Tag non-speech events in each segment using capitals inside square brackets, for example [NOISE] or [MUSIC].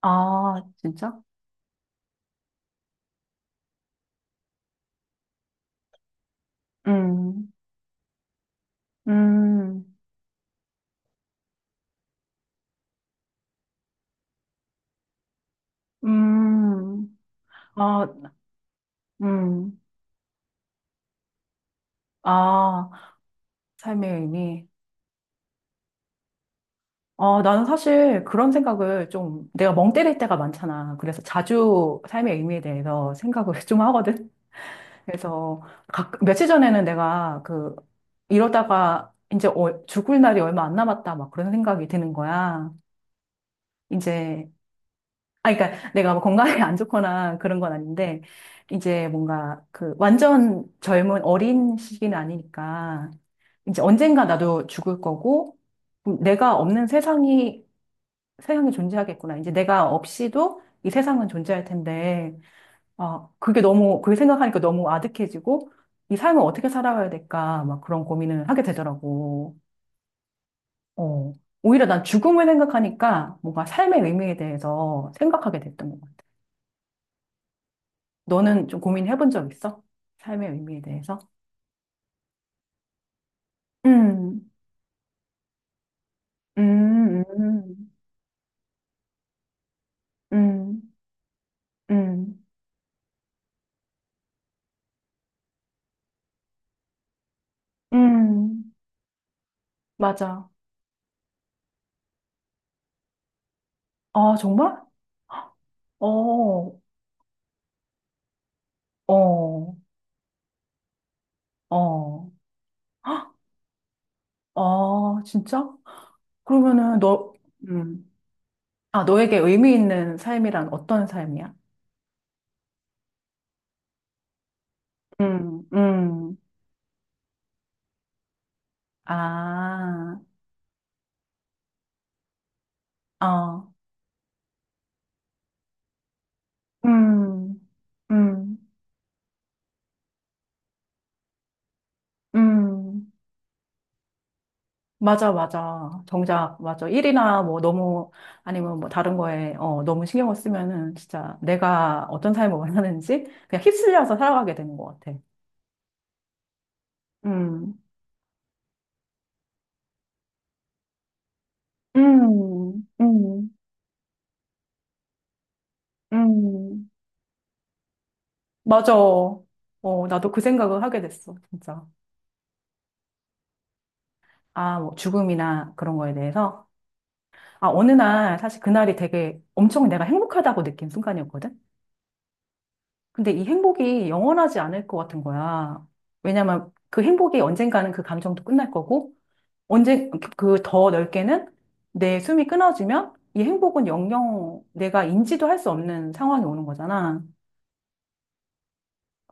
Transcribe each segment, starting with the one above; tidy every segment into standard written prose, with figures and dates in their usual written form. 아, 진짜? 음, 음, 음, 아, 음, 아, 삶의 의미. 아, 나는 사실 그런 생각을 좀 내가 멍 때릴 때가 많잖아. 그래서 자주 삶의 의미에 대해서 생각을 [LAUGHS] 좀 하거든. 그래서 며칠 전에는 내가 그 이러다가 이제 죽을 날이 얼마 안 남았다 막 그런 생각이 드는 거야. 이제 아, 그러니까 내가 뭐 건강이 안 좋거나 그런 건 아닌데, 이제 뭔가 그 완전 젊은 어린 시기는 아니니까, 이제 언젠가 나도 죽을 거고, 내가 없는 세상이 존재하겠구나. 이제 내가 없이도 이 세상은 존재할 텐데, 아, 그게 너무, 그게 생각하니까 너무 아득해지고, 이 삶을 어떻게 살아가야 될까, 막 그런 고민을 하게 되더라고. 어. 오히려 난 죽음을 생각하니까 뭔가 삶의 의미에 대해서 생각하게 됐던 것 같아. 너는 좀 고민해본 적 있어? 삶의 의미에 대해서? 음, 음, 음, 음, 음, 음, 맞아. 아, 정말? 어, 어, 어. 헉, 아, 진짜? 그러면은 너, 음, 아, 너에게 의미 있는 삶이란 어떤 삶이야? 음, 음, 아, 어. 음, 음, 음. 맞아, 맞아. 정작, 맞아. 일이나 뭐 너무, 아니면 뭐 다른 거에, 어, 너무 신경을 쓰면은 진짜 내가 어떤 삶을 원하는지 그냥 휩쓸려서 살아가게 되는 것 같아. 음, 음, 음, 음. 맞아. 어, 나도 그 생각을 하게 됐어, 진짜. 아, 뭐 죽음이나 그런 거에 대해서. 아, 어느 날, 사실 그날이 되게 엄청 내가 행복하다고 느낀 순간이었거든? 근데 이 행복이 영원하지 않을 것 같은 거야. 왜냐면 그 행복이 언젠가는 그 감정도 끝날 거고, 언제, 그 더 넓게는 내 숨이 끊어지면 이 행복은 영영 내가 인지도 할 수 없는 상황이 오는 거잖아.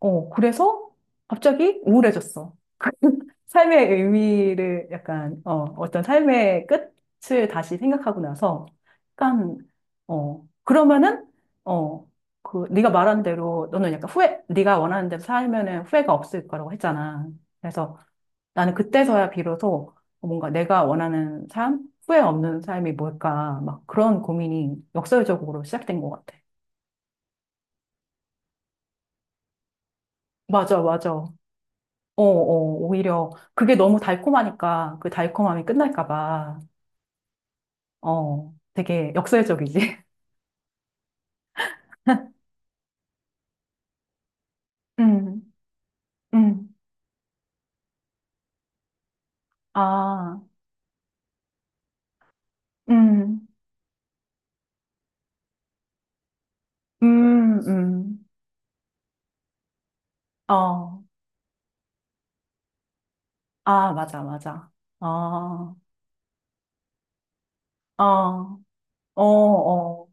어, 그래서 갑자기 우울해졌어. [LAUGHS] 삶의 의미를 약간, 어, 어떤 삶의 끝을 다시 생각하고 나서, 약간, 어, 그러면은, 어, 그, 네가 말한 대로, 너는 약간 후회, 네가 원하는 대로 살면은 후회가 없을 거라고 했잖아. 그래서 나는 그때서야 비로소 뭔가 내가 원하는 삶, 후회 없는 삶이 뭘까, 막 그런 고민이 역설적으로 시작된 것 같아. 맞아, 맞아. 어, 어, 오히려 그게 너무 달콤하니까 그 달콤함이 끝날까 봐, 어, 되게 역설적이지. [LAUGHS] 음, 음, 아, 음, 음, 음, 어, 아, 맞아, 맞아. 어, 어, 어, 어,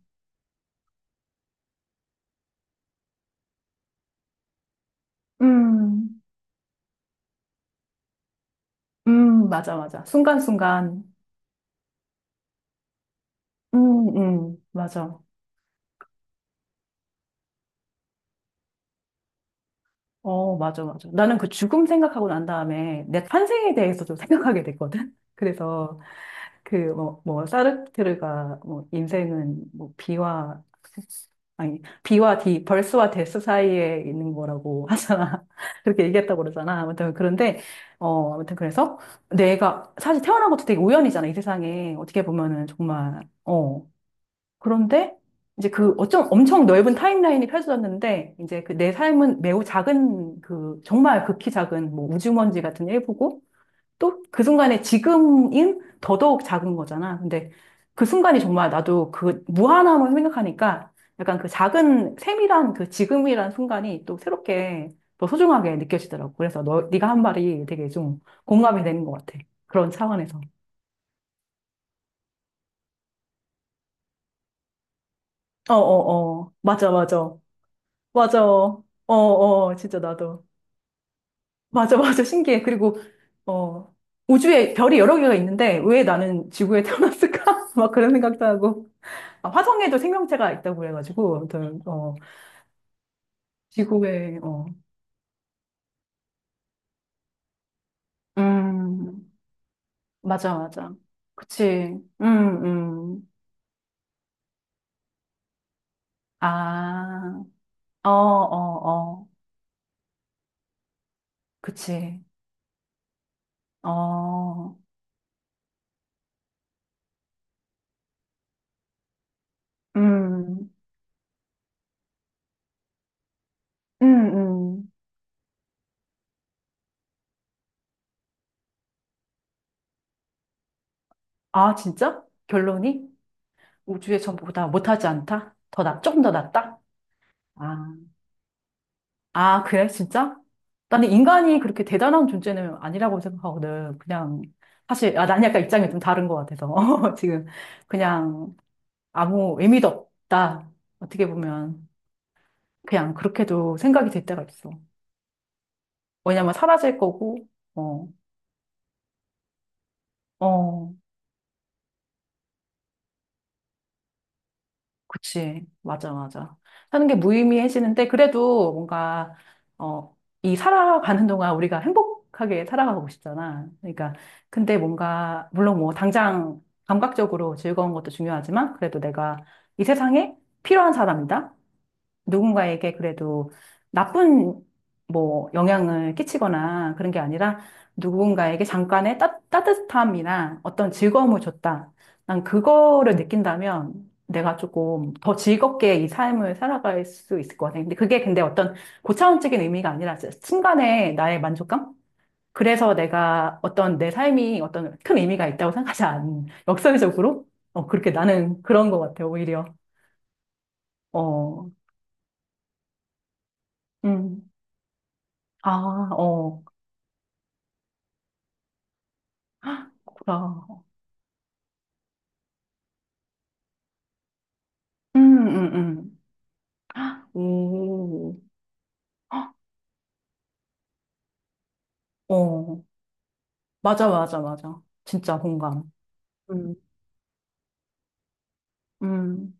음, 맞아, 맞아. 순간순간, 맞아. 어, 맞아, 맞아. 나는 그 죽음 생각하고 난 다음에 내 탄생에 대해서 좀 생각하게 됐거든. [LAUGHS] 그래서, 그, 뭐, 뭐, 사르트르가, 뭐, 인생은, 뭐, 비와, 아니, 비와 디, 벌스와 데스 사이에 있는 거라고 하잖아. [LAUGHS] 그렇게 얘기했다고 그러잖아. 아무튼, 그런데, 어, 아무튼, 그래서, 내가, 사실 태어난 것도 되게 우연이잖아, 이 세상에. 어떻게 보면은, 정말, 어. 그런데, 이제 그, 어쩜 엄청 넓은 타임라인이 펼쳐졌는데, 이제 그 내 삶은 매우 작은, 그, 정말 극히 작은, 뭐, 우주먼지 같은 일부고, 또 그 순간에 지금인 더더욱 작은 거잖아. 근데 그 순간이 정말 나도 그 무한함을 생각하니까 약간 그 작은 세밀한 그 지금이란 순간이 또 새롭게 더 소중하게 느껴지더라고. 그래서 너, 네가 한 말이 되게 좀 공감이 되는 것 같아. 그런 차원에서. 어, 어, 어. 맞아, 맞아. 맞아. 어, 어. 진짜 나도. 맞아, 맞아. 신기해. 그리고, 어, 우주에 별이 여러 개가 있는데 왜 나는 지구에 태어났을까? [LAUGHS] 막 그런 생각도 하고. 아, 화성에도 생명체가 있다고 그래가지고, 아무튼, 어, 지구에, 어, 음, 맞아, 맞아. 그치. 음, 음. 아, 어, 어, 어. 그치. 어, 음, 음, 음. 아, 진짜? 결론이? 우주에 전보다 못하지 않다? 더 나, 조금 더 낫다? 아. 아, 그래? 진짜? 나는 인간이 그렇게 대단한 존재는 아니라고 생각하거든. 그냥, 사실, 아, 난 약간 입장이 좀 다른 것 같아서. [LAUGHS] 지금, 그냥, 아무 의미도 없다. 어떻게 보면. 그냥 그렇게도 생각이 될 때가 있어. 왜냐면 사라질 거고, 어, 어. 그치. 맞아, 맞아. 사는 게 무의미해지는데, 그래도 뭔가, 어, 이 살아가는 동안 우리가 행복하게 살아가고 싶잖아. 그러니까, 근데 뭔가, 물론 뭐, 당장 감각적으로 즐거운 것도 중요하지만, 그래도 내가 이 세상에 필요한 사람이다. 누군가에게 그래도 나쁜 뭐 영향을 끼치거나 그런 게 아니라 누군가에게 잠깐의 따뜻함이나 어떤 즐거움을 줬다. 난 그거를 느낀다면 내가 조금 더 즐겁게 이 삶을 살아갈 수 있을 것 같아. 근데 그게 근데 어떤 고차원적인 의미가 아니라 순간의 나의 만족감? 그래서 내가 어떤 내 삶이 어떤 큰 의미가 있다고 생각하지 않, 역설적으로? 어, 그렇게 나는 그런 것 같아요, 오히려. 어, 음. 아, 어. 아, 구 음, 음, 음. 아, 오. 어, 맞아, 맞아, 맞아. 진짜 공감. 음, 음.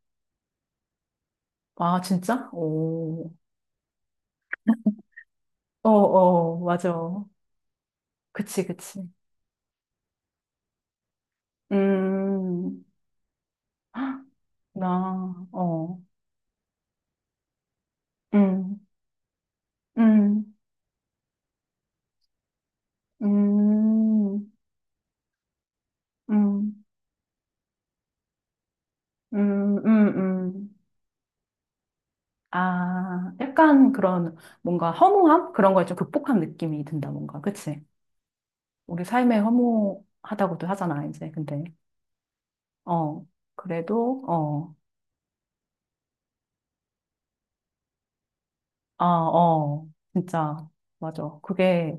아, 진짜? 오. 어, 어, 맞아. 그치, 그치. 음, 아, 나, 어. 음, 음, 음, 음, 음, 음, 음. 아, 약간 그런 뭔가 허무함? 그런 걸 좀 극복한 느낌이 든다, 뭔가. 그치? 우리 삶에 허무하다고도 하잖아, 이제. 근데, 어, 그래도, 어, 아, 어, 진짜, 맞아. 그게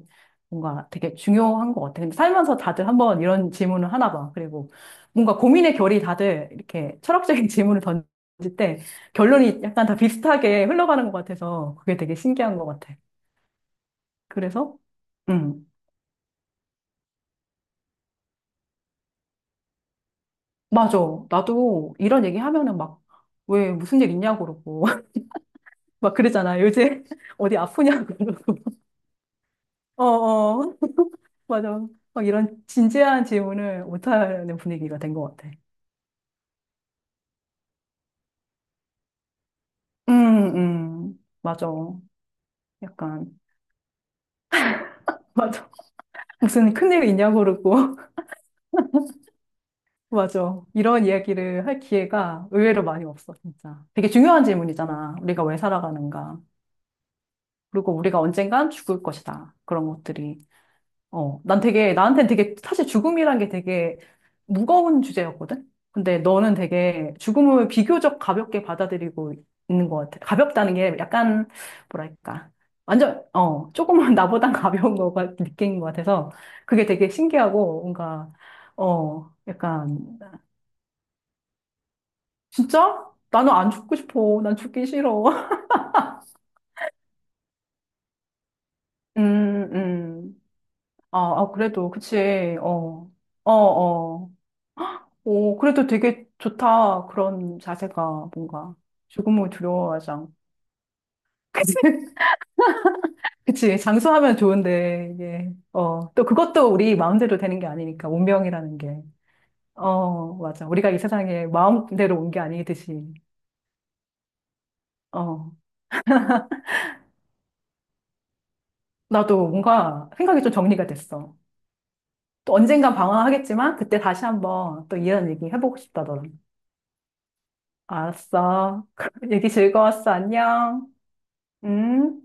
뭔가 되게 중요한 것 같아. 근데 살면서 다들 한번 이런 질문을 하나 봐. 그리고 뭔가 고민의 결이 다들 이렇게 철학적인 [LAUGHS] 질문을 던질 때 결론이 약간 다 비슷하게 흘러가는 것 같아서 그게 되게 신기한 것 같아. 그래서, 음, 맞아. 나도 이런 얘기 하면은 막, 왜 무슨 일 있냐고 그러고. 막 그러잖아. 요새 [LAUGHS] 어디 아프냐고 [LAUGHS] 그러고. 어, 어, 맞아. 막 이런 진지한 질문을 못하는 분위기가 된 것 같아. 맞아. 약간, [LAUGHS] 맞아. 무슨 큰일 있냐고 그러고. [LAUGHS] 맞아. 이런 이야기를 할 기회가 의외로 많이 없어, 진짜. 되게 중요한 질문이잖아. 우리가 왜 살아가는가. 그리고 우리가 언젠간 죽을 것이다. 그런 것들이. 어, 난 되게, 나한테는 되게, 사실 죽음이란 게 되게 무거운 주제였거든? 근데 너는 되게 죽음을 비교적 가볍게 받아들이고 있는 것 같아. 가볍다는 게 약간, 뭐랄까. 완전, 어, 조금은 [LAUGHS] 나보단 가벼운 거가 느낀 것 같아서 그게 되게 신기하고 뭔가, 어, 약간, 진짜? 나는 안 죽고 싶어. 난 죽기 싫어. [LAUGHS] 음, 음. 아, 아, 그래도, 그치. 어, 어, 어. 오, 그래도 되게 좋다. 그런 자세가 뭔가 죽음을 두려워하지 않고. 그치? [LAUGHS] 그치. 장수하면 좋은데, 이게, 어, 또 그것도 우리 마음대로 되는 게 아니니까, 운명이라는 게. 어, 맞아. 우리가 이 세상에 마음대로 온 게 아니듯이. 어, 나도 뭔가 생각이 좀 정리가 됐어. 또 언젠간 방황하겠지만, 그때 다시 한번 또 이런 얘기 해보고 싶다, 더라 알았어. [LAUGHS] 얘기 즐거웠어. 안녕. 음.